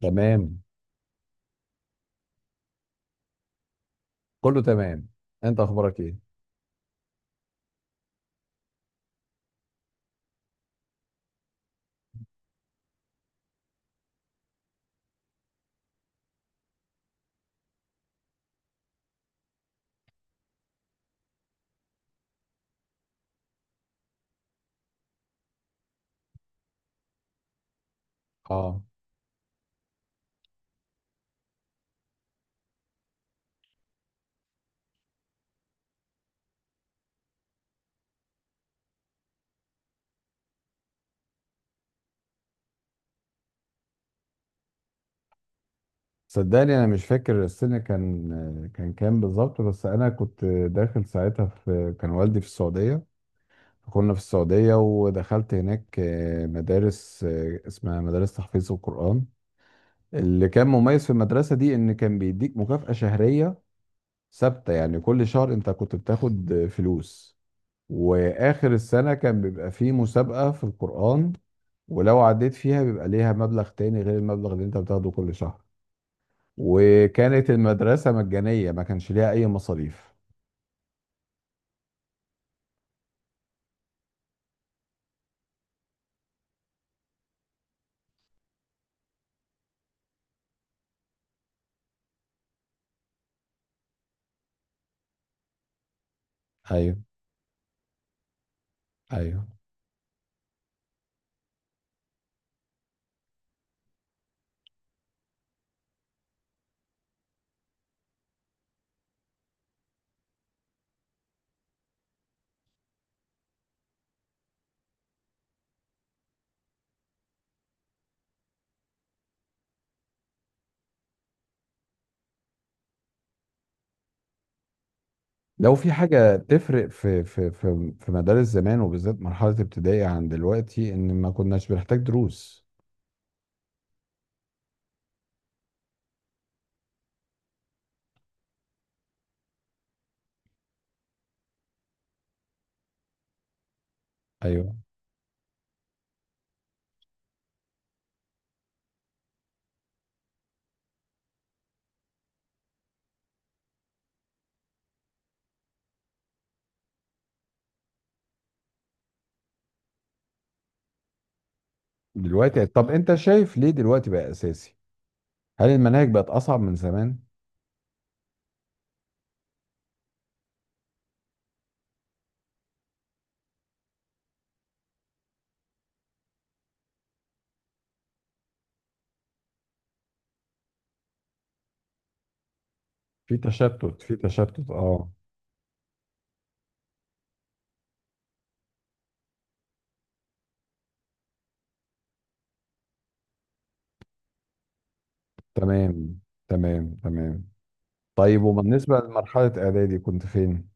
تمام. كله تمام. انت اخبارك ايه؟ اه، صدقني انا مش فاكر السنه، كان كام بالظبط، بس انا كنت داخل ساعتها، في كان والدي في السعوديه. كنا في السعوديه ودخلت هناك مدارس، اسمها مدارس تحفيظ القران. اللي كان مميز في المدرسه دي ان كان بيديك مكافاه شهريه ثابته، يعني كل شهر انت كنت بتاخد فلوس. واخر السنه كان بيبقى فيه مسابقه في القران، ولو عديت فيها بيبقى ليها مبلغ تاني غير المبلغ اللي انت بتاخده كل شهر. وكانت المدرسة مجانية، ما كانش ليها أي مصاريف. ايوه، ايوه. لو في حاجة تفرق في مدارس زمان، وبالذات مرحلة ابتدائي، عن دلوقتي، إن ما كناش بنحتاج دروس. ايوه. دلوقتي، طب أنت شايف ليه دلوقتي بقى أساسي؟ هل المناهج بقت أصعب من زمان؟ في تشتت، في تشتت، أه. تمام. تمام، تمام. طيب، وبالنسبة لمرحلة إعدادي كنت فين؟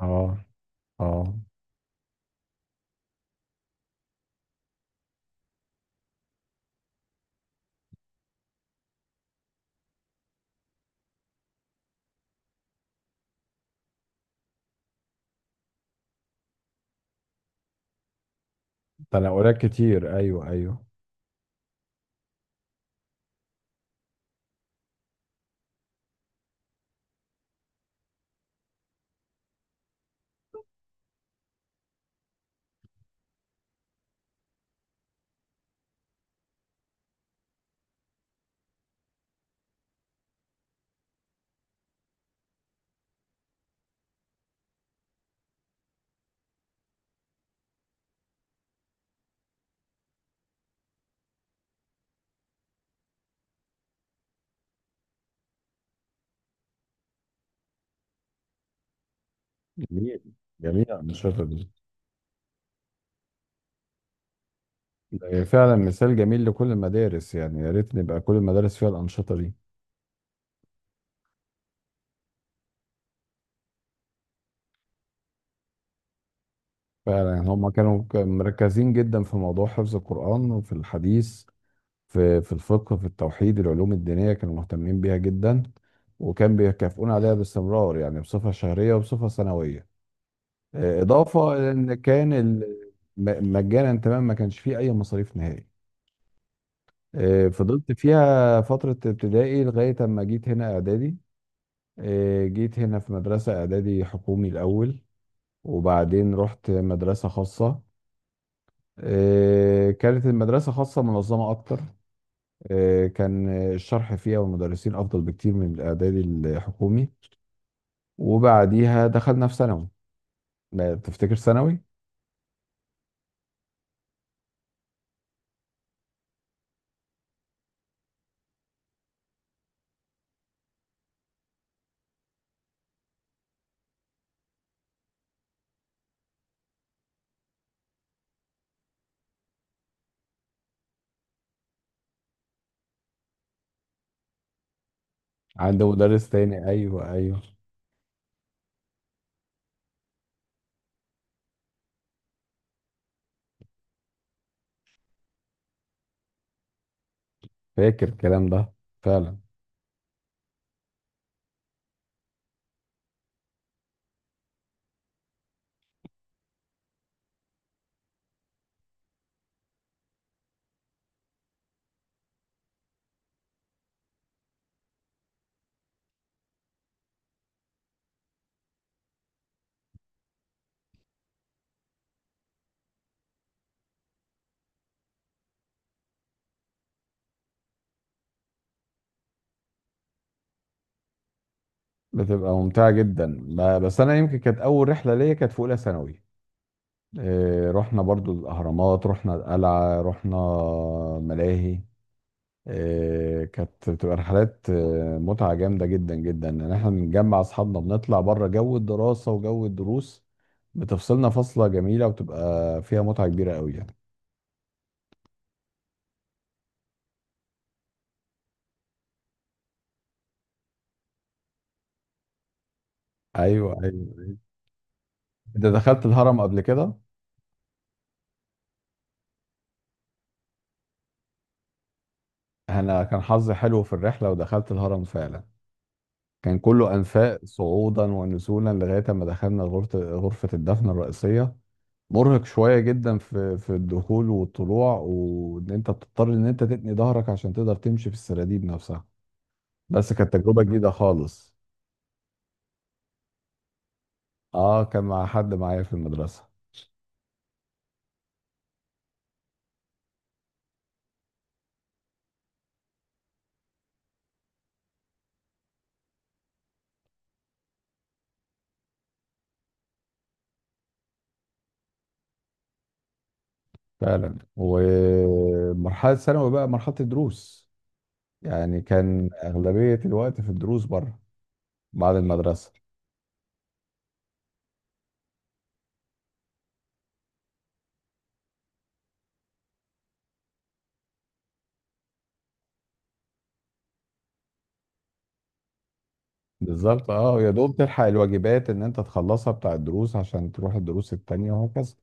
اه. اه. تنقلات كتير، ايوه ايوه. جميل، جميل الانشطه دي. ده فعلا مثال جميل لكل المدارس، يعني يا ريت نبقى كل المدارس فيها الانشطه دي. فعلا، يعني هم كانوا مركزين جدا في موضوع حفظ القران وفي الحديث، في الفقه، في التوحيد. العلوم الدينيه كانوا مهتمين بيها جدا، وكان بيكافئون عليها باستمرار، يعني بصفه شهريه وبصفه سنويه. اضافه إلى ان كان مجانا تمام، ما كانش فيه اي مصاريف نهائي. فضلت فيها فترة ابتدائي لغاية أما جيت هنا إعدادي. جيت هنا في مدرسة إعدادي حكومي الأول، وبعدين رحت مدرسة خاصة. كانت المدرسة خاصة منظمة أكتر. كان الشرح فيها والمدرسين أفضل بكتير من الإعدادي الحكومي. وبعديها دخلنا في ثانوي. لا تفتكر ثانوي. عنده مدرس تاني، أيوه أيوه. فاكر الكلام ده، فعلا. بتبقى ممتعة جدا، بس أنا يمكن كانت أول رحلة ليا كانت في أولى ثانوي. رحنا برضو الأهرامات، رحنا القلعة، رحنا ملاهي. كانت بتبقى رحلات، متعة جامدة جدا جدا، إن احنا بنجمع أصحابنا، بنطلع بره جو الدراسة وجو الدروس، بتفصلنا فصلة جميلة، وبتبقى فيها متعة كبيرة قوي يعني. أيوه أيوه. أنت دخلت الهرم قبل كده؟ أنا كان حظي حلو في الرحلة، ودخلت الهرم فعلا. كان كله أنفاق صعودا ونزولا لغاية ما دخلنا غرفة غرفة الدفن الرئيسية. مرهق شوية جدا في الدخول والطلوع، وان انت بتضطر ان انت تتني ظهرك عشان تقدر تمشي في السراديب نفسها، بس كانت تجربة جديدة خالص. اه، كان مع حد معايا في المدرسة. فعلا. ومرحلة ثانوي بقى مرحلة الدروس، يعني كان أغلبية الوقت في الدروس بره بعد المدرسة. بالظبط. اه، يا دوب تلحق الواجبات ان انت تخلصها بتاع الدروس عشان تروح الدروس التانية، وهكذا.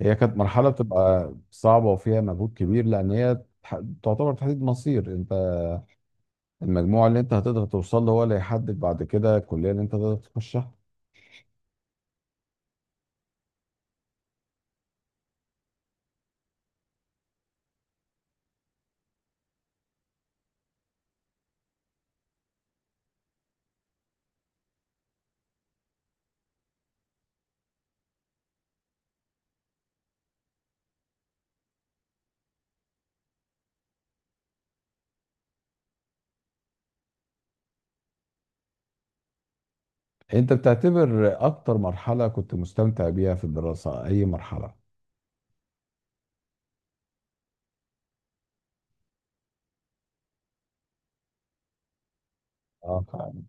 هي كانت مرحلة بتبقى صعبة وفيها مجهود كبير، لأن هي تعتبر تحديد مصير. أنت المجموع اللي أنت هتقدر توصل له هو اللي هيحدد بعد كده الكلية اللي أنت تقدر تخشها. أنت بتعتبر أكتر مرحلة كنت مستمتع بيها في الدراسة أي مرحلة؟ اه فعلا.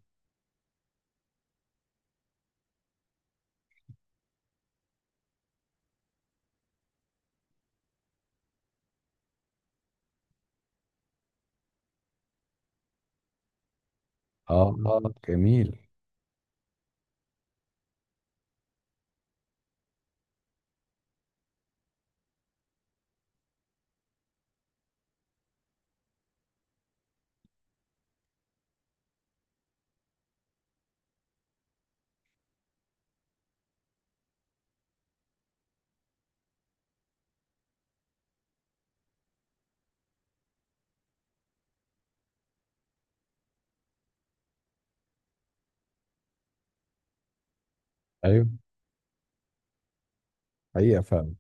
جميل. أيوه، حقيقة فعلا.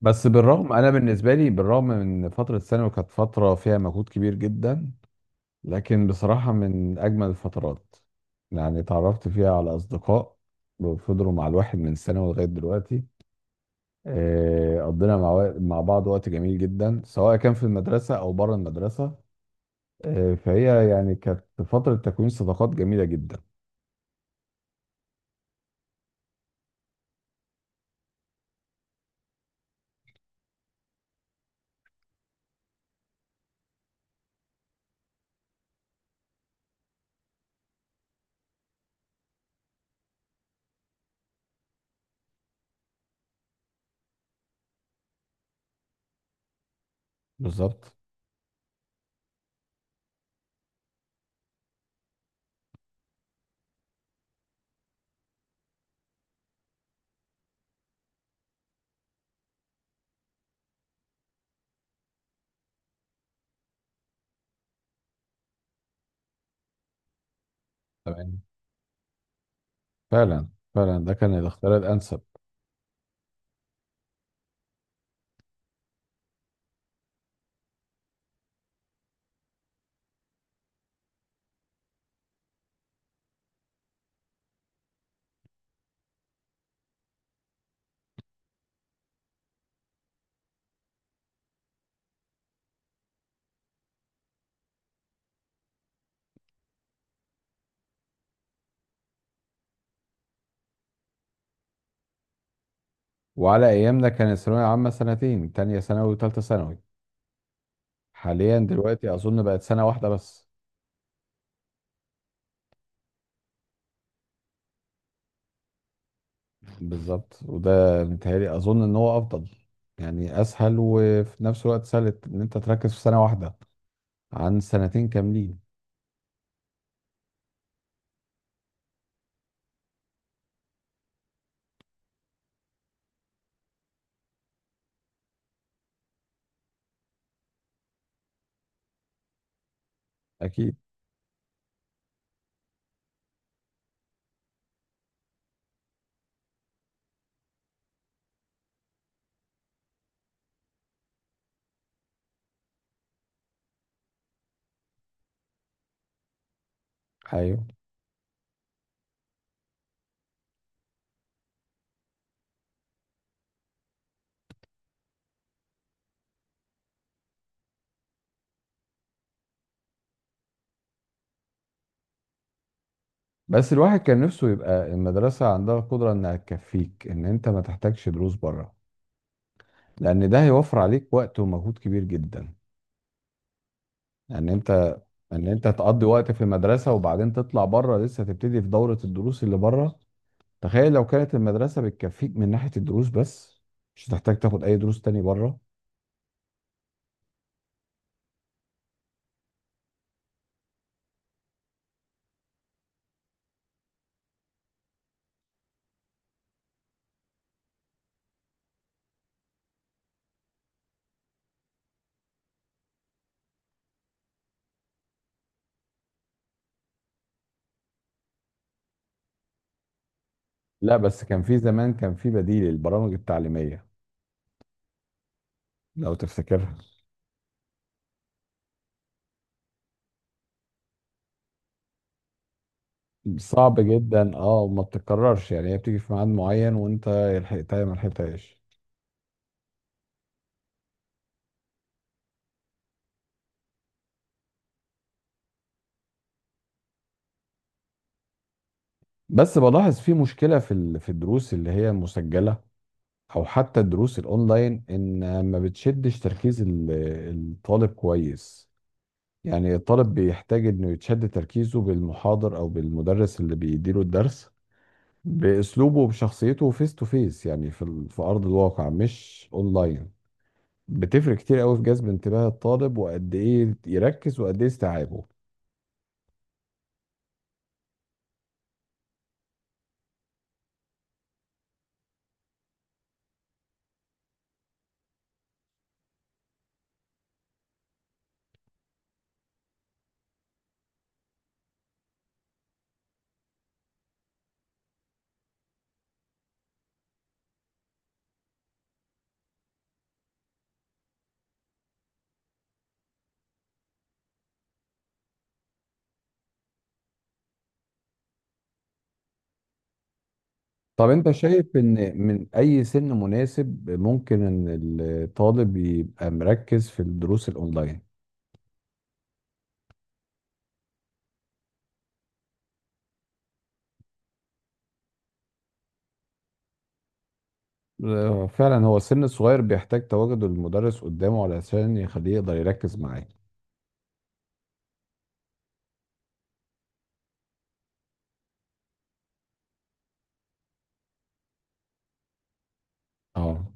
بس بالرغم، أنا بالنسبة لي، بالرغم من فترة ثانوي كانت فترة فيها مجهود كبير جدا، لكن بصراحة من أجمل الفترات. يعني اتعرفت فيها على أصدقاء فضلوا مع الواحد من ثانوي لغاية دلوقتي. قضينا مع بعض وقت جميل جدا، سواء كان في المدرسة أو بره المدرسة. فهي يعني كانت فترة تكوين صداقات جميلة جدا. بالظبط. تمام. فعلا، فعلا ده كان الاختيار الأنسب. وعلى أيامنا كان الثانوية عامة سنتين، تانية ثانوي وتالتة ثانوي. حاليا دلوقتي أظن بقت سنة واحدة بس. بالظبط، وده متهيألي أظن إن هو أفضل. يعني أسهل، وفي نفس الوقت سهل إن أنت تركز في سنة واحدة عن سنتين كاملين. أكيد. أيوه. بس الواحد كان نفسه يبقى المدرسة عندها قدرة إنها تكفيك إن أنت ما تحتاجش دروس بره، لأن ده هيوفر عليك وقت ومجهود كبير جدا. يعني أنت إن أنت تقضي وقت في المدرسة وبعدين تطلع بره لسه تبتدي في دورة الدروس اللي بره. تخيل لو كانت المدرسة بتكفيك من ناحية الدروس بس، مش هتحتاج تاخد أي دروس تاني بره. لا بس كان في زمان، كان في بديل البرامج التعليمية، لو تفتكرها. صعب جدا اه، وما بتتكررش، يعني هي بتيجي في ميعاد معين وانت يا لحقتها يا ما لحقتهاش. بس بلاحظ في مشكلة في الدروس اللي هي مسجلة او حتى الدروس الاونلاين، ان ما بتشدش تركيز الطالب كويس. يعني الطالب بيحتاج انه يتشد تركيزه بالمحاضر او بالمدرس اللي بيديله الدرس باسلوبه وبشخصيته، فيس تو فيس يعني في ارض الواقع، مش اونلاين. بتفرق كتير قوي في جذب انتباه الطالب وقد ايه يركز وقد ايه استيعابه. طب انت شايف ان من اي سن مناسب ممكن ان الطالب يبقى مركز في الدروس الاونلاين؟ فعلا هو السن الصغير بيحتاج تواجد المدرس قدامه علشان يخليه يقدر يركز معاه. اه.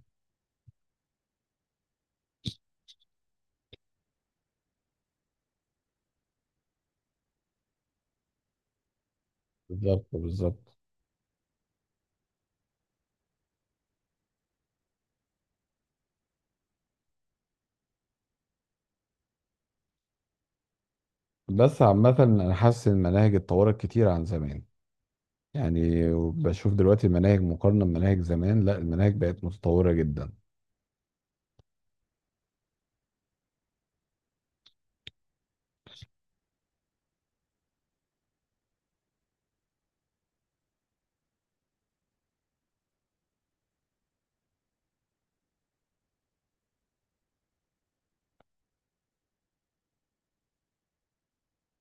بالظبط، بالظبط. بس عامة أنا حاسس إن المناهج اتطورت كتير عن زمان، يعني بشوف دلوقتي المناهج مقارنة بمناهج زمان، لا المناهج بقت متطورة جدا.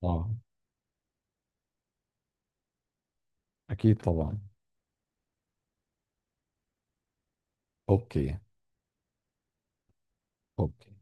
اه، أكيد طبعا. أوكي. اوكي.